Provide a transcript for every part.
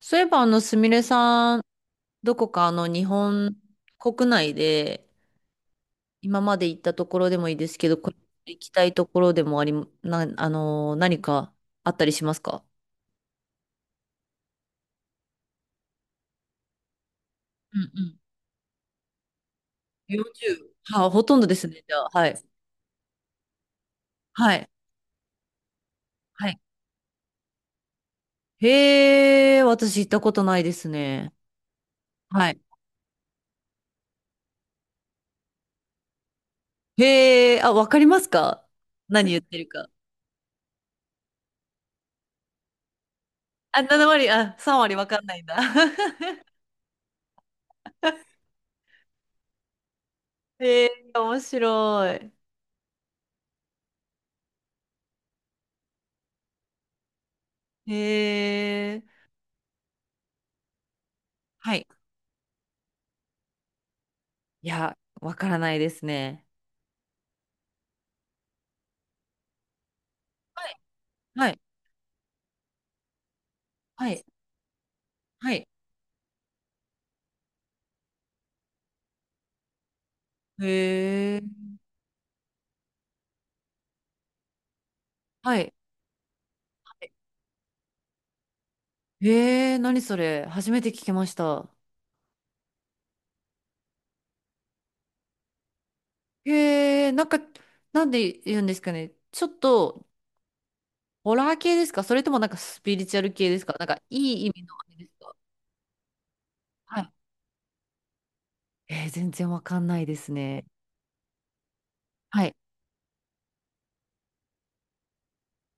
そういえば、すみれさん、どこか日本国内で、今まで行ったところでもいいですけど、これから行きたいところでもあり、な、あのー、何かあったりしますか？うんうん。40。はあ、ほとんどですね、じゃあ。はい。はい。はい。へえ、私行ったことないですね。はい。へえ、あ、わかりますか？何言ってるか。あ、7割、あ、3割わかんないんだ。へえ、面白い。へえ、はい。いや、わからないですね。はい。はい。はい。はい。へえ。はい。へえ、何それ。初めて聞きました。へえ、なんか、なんで言うんですかね。ちょっと、ホラー系ですか、それともなんかスピリチュアル系ですか、なんか、いい意味のあれですか？はい。全然わかんないですね。はい。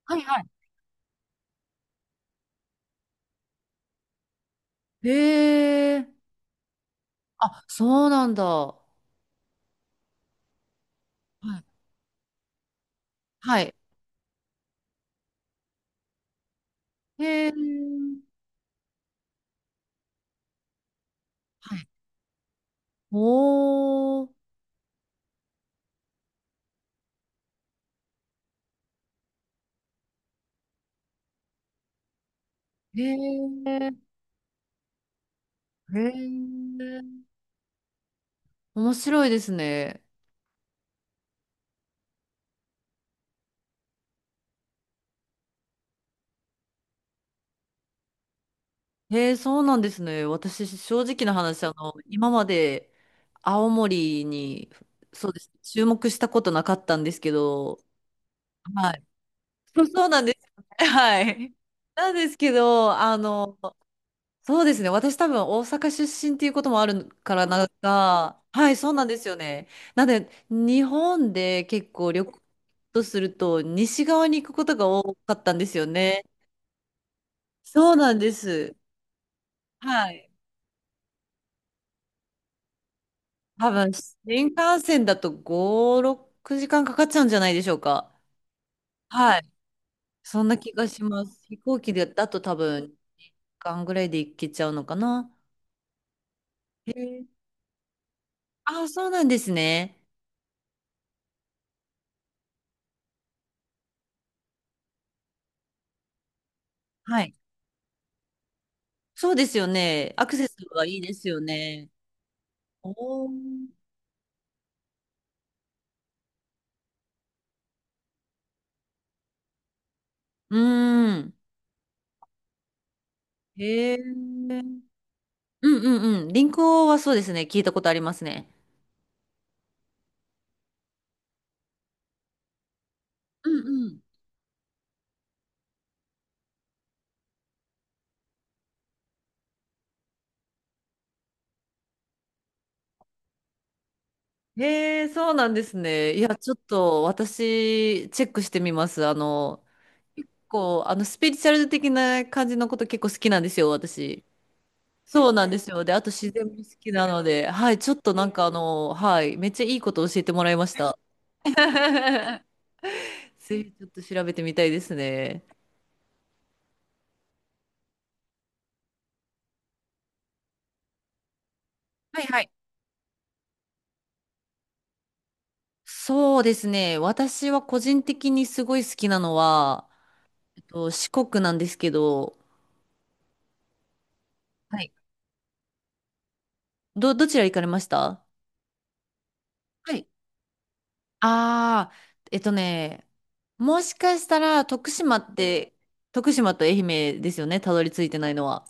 はい、はい。へえ。あ、そうなんだ。はい。はい。へえ。はい。おー。へえ。へえ、面白いですね。へえ、そうなんですね。私、正直な話、今まで青森に、そうですね、注目したことなかったんですけど、はい。そうそうなんですよね。はい。なんですけど、そうですね。私多分大阪出身っていうこともあるからなんか、はい、そうなんですよね。なので、日本で結構旅行とすると、西側に行くことが多かったんですよね。そうなんです。はい。多分、新幹線だと5、6時間かんかかっちゃうんじゃないでしょうか。はい。そんな気がします。飛行機でだと多分、時間ぐらいで行けちゃうのかな。へえ。ああ、そうなんですね。はい。そうですよね。アクセスがいいですよね。おー。うーん。へえ。うんうんうん。リンクはそうですね。聞いたことありますね。うんうん。へえ、そうなんですね。いや、ちょっと私、チェックしてみます。こう、スピリチュアル的な感じのこと結構好きなんですよ、私。そうなんですよ。で、あと自然も好きなので、はい、ちょっとなんかはい、めっちゃいいこと教えてもらいました。ぜひちょっと調べてみたいですね。はいはい。そうですね。私は個人的にすごい好きなのは、四国なんですけど、はい。どちら行かれました？はい。ああ、えっとね、もしかしたら徳島って、徳島と愛媛ですよね、たどり着いてないのは。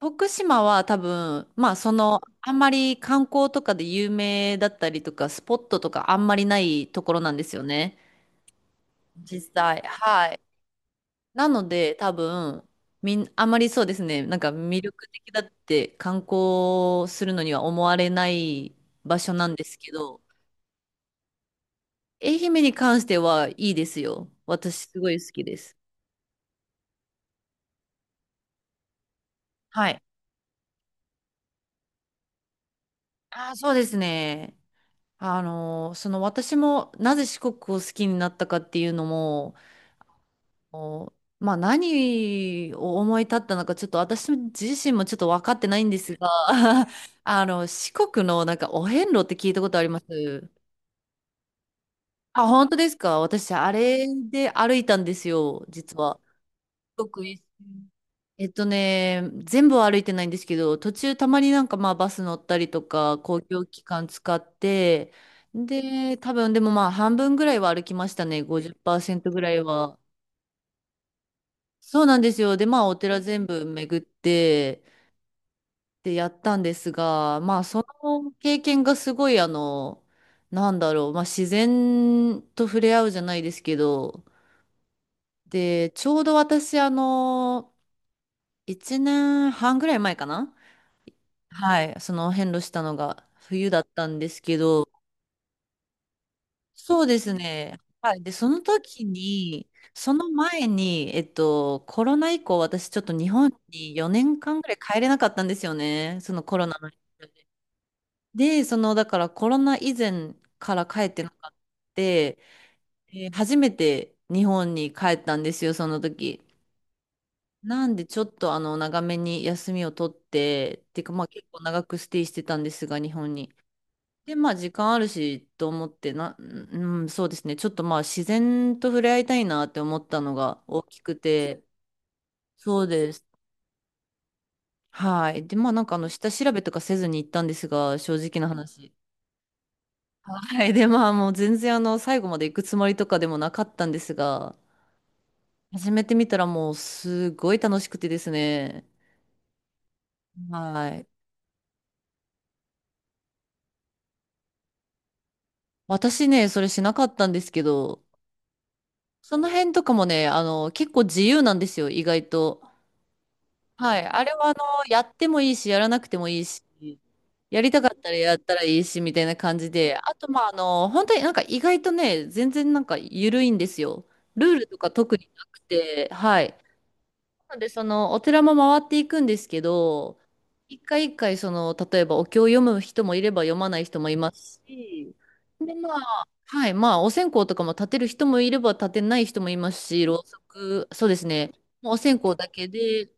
徳島は多分、まあその、あんまり観光とかで有名だったりとか、スポットとかあんまりないところなんですよね。実際。はい。なので多分、あんまり、そうですね、なんか魅力的だって観光するのには思われない場所なんですけど、愛媛に関してはいいですよ。私すごい好きです。はい。ああ、そうですね。その私もなぜ四国を好きになったかっていうのも、おまあ何を思い立ったのか、ちょっと私自身もちょっと分かってないんですが、四国のなんかお遍路って聞いたことあります？あ、本当ですか、私、あれで歩いたんですよ、実は。四国一周。全部は歩いてないんですけど、途中たまになんかまあバス乗ったりとか、公共機関使って、で、多分でもまあ半分ぐらいは歩きましたね、50%ぐらいは。そうなんですよ。で、まあお寺全部巡って、で、やったんですが、まあその経験がすごいなんだろう、まあ自然と触れ合うじゃないですけど、で、ちょうど私1年半ぐらい前かな。はい、その遍路したのが冬だったんですけど、そうですね。はい。で、その時に、その前に、コロナ以降、私ちょっと日本に4年間ぐらい帰れなかったんですよね。そのコロナの影響で。で、その、だからコロナ以前から帰ってなかった。で、初めて日本に帰ったんですよ、その時。なんでちょっと長めに休みを取って、っていうかまあ結構長くステイしてたんですが、日本に。で、まあ時間あるしと思ってな、うん、そうですね。ちょっとまあ自然と触れ合いたいなって思ったのが大きくて、そうです。はい。で、まあなんか下調べとかせずに行ったんですが、正直な話。はい。で、まあもう全然最後まで行くつもりとかでもなかったんですが、始めてみたらもうすごい楽しくてですね。はい。私ね、それしなかったんですけど、その辺とかもね、結構自由なんですよ、意外と。はい。あれは、やってもいいし、やらなくてもいいし、やりたかったらやったらいいし、みたいな感じで、あと、まあ、本当になんか意外とね、全然なんか緩いんですよ。ルールとか特になくて、はい。なので、その、お寺も回っていくんですけど、一回一回、その、例えば、お経を読む人もいれば読まない人もいますし、で、まあ、はい、まあ、お線香とかも立てる人もいれば立てない人もいますし、ろうそく、そうですね、もうお線香だけで、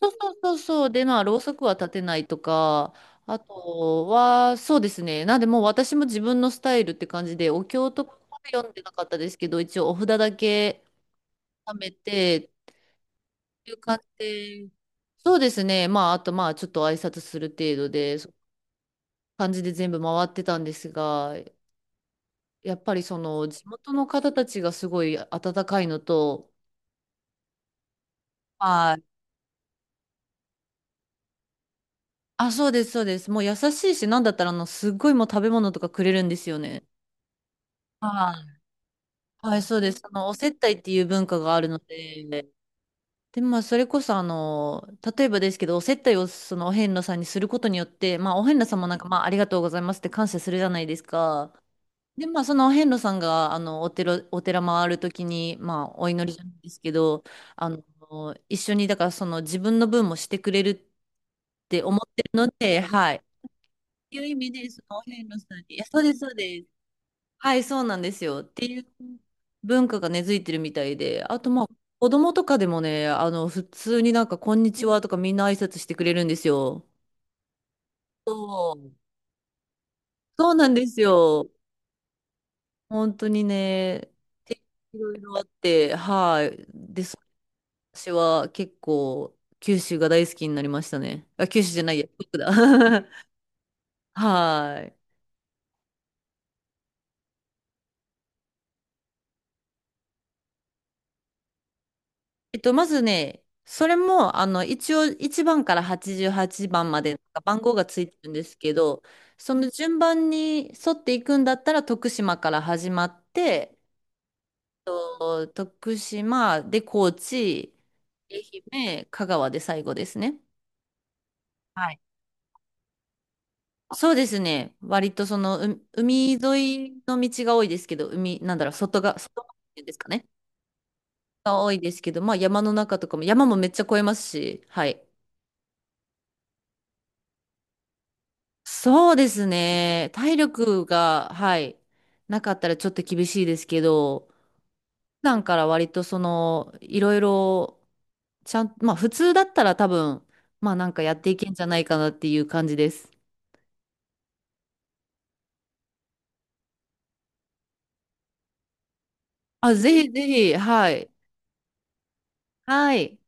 そうそうそうそう、で、まあ、ろうそくは立てないとか、あとは、そうですね、なんで、もう私も自分のスタイルって感じで、お経とかは読んでなかったですけど、一応お札だけ貯めて、床って、そうですね。まあ、あとまあ、ちょっと挨拶する程度で、そう感じで全部回ってたんですが、やっぱりその地元の方たちがすごい温かいのと、はい。あ、そうです、そうです。もう優しいし、なんだったらすっごいもう食べ物とかくれるんですよね。はい。はい、そうです。お接待っていう文化があるので、で、まあ、それこそ、例えばですけど、お接待をそのお遍路さんにすることによって、まあ、お遍路さんもなんか、まあ、ありがとうございますって感謝するじゃないですか。で、まあ、その遍路さんが、お寺回るときに、まあ、お祈りじゃないですけど、あの、一緒に、だから、その、自分の分もしてくれるって思ってるので、はい。っていう意味で、その、お遍路さんに、いや、そうです、そうです。はい、そうなんですよ。っていう文化が根付いてるみたいで、あと、まあ、子供とかでもね、普通になんか、こんにちはとか、みんな挨拶してくれるんですよ。そう、そうなんですよ。本当にね、ていろいろあって、はい。で、そう私は結構、九州が大好きになりましたね。あ、九州じゃないや、四国だ。はい。まずね、それも、一応、1番から88番まで、番号がついてるんですけど、その順番に沿っていくんだったら、徳島から始まって、徳島で高知、愛媛、香川で最後ですね。はい。そうですね。割とその、海沿いの道が多いですけど、海、なんだろう、外が、外側っていうんですかね。が多いですけど、まあ山の中とかも、山もめっちゃ越えますし、はい。そうですね。体力が、はい、なかったらちょっと厳しいですけど、普段から割とその、いろいろ、ちゃん、まあ普通だったら多分、まあなんかやっていけんじゃないかなっていう感じです。あ、ぜひぜひ、はい。はい。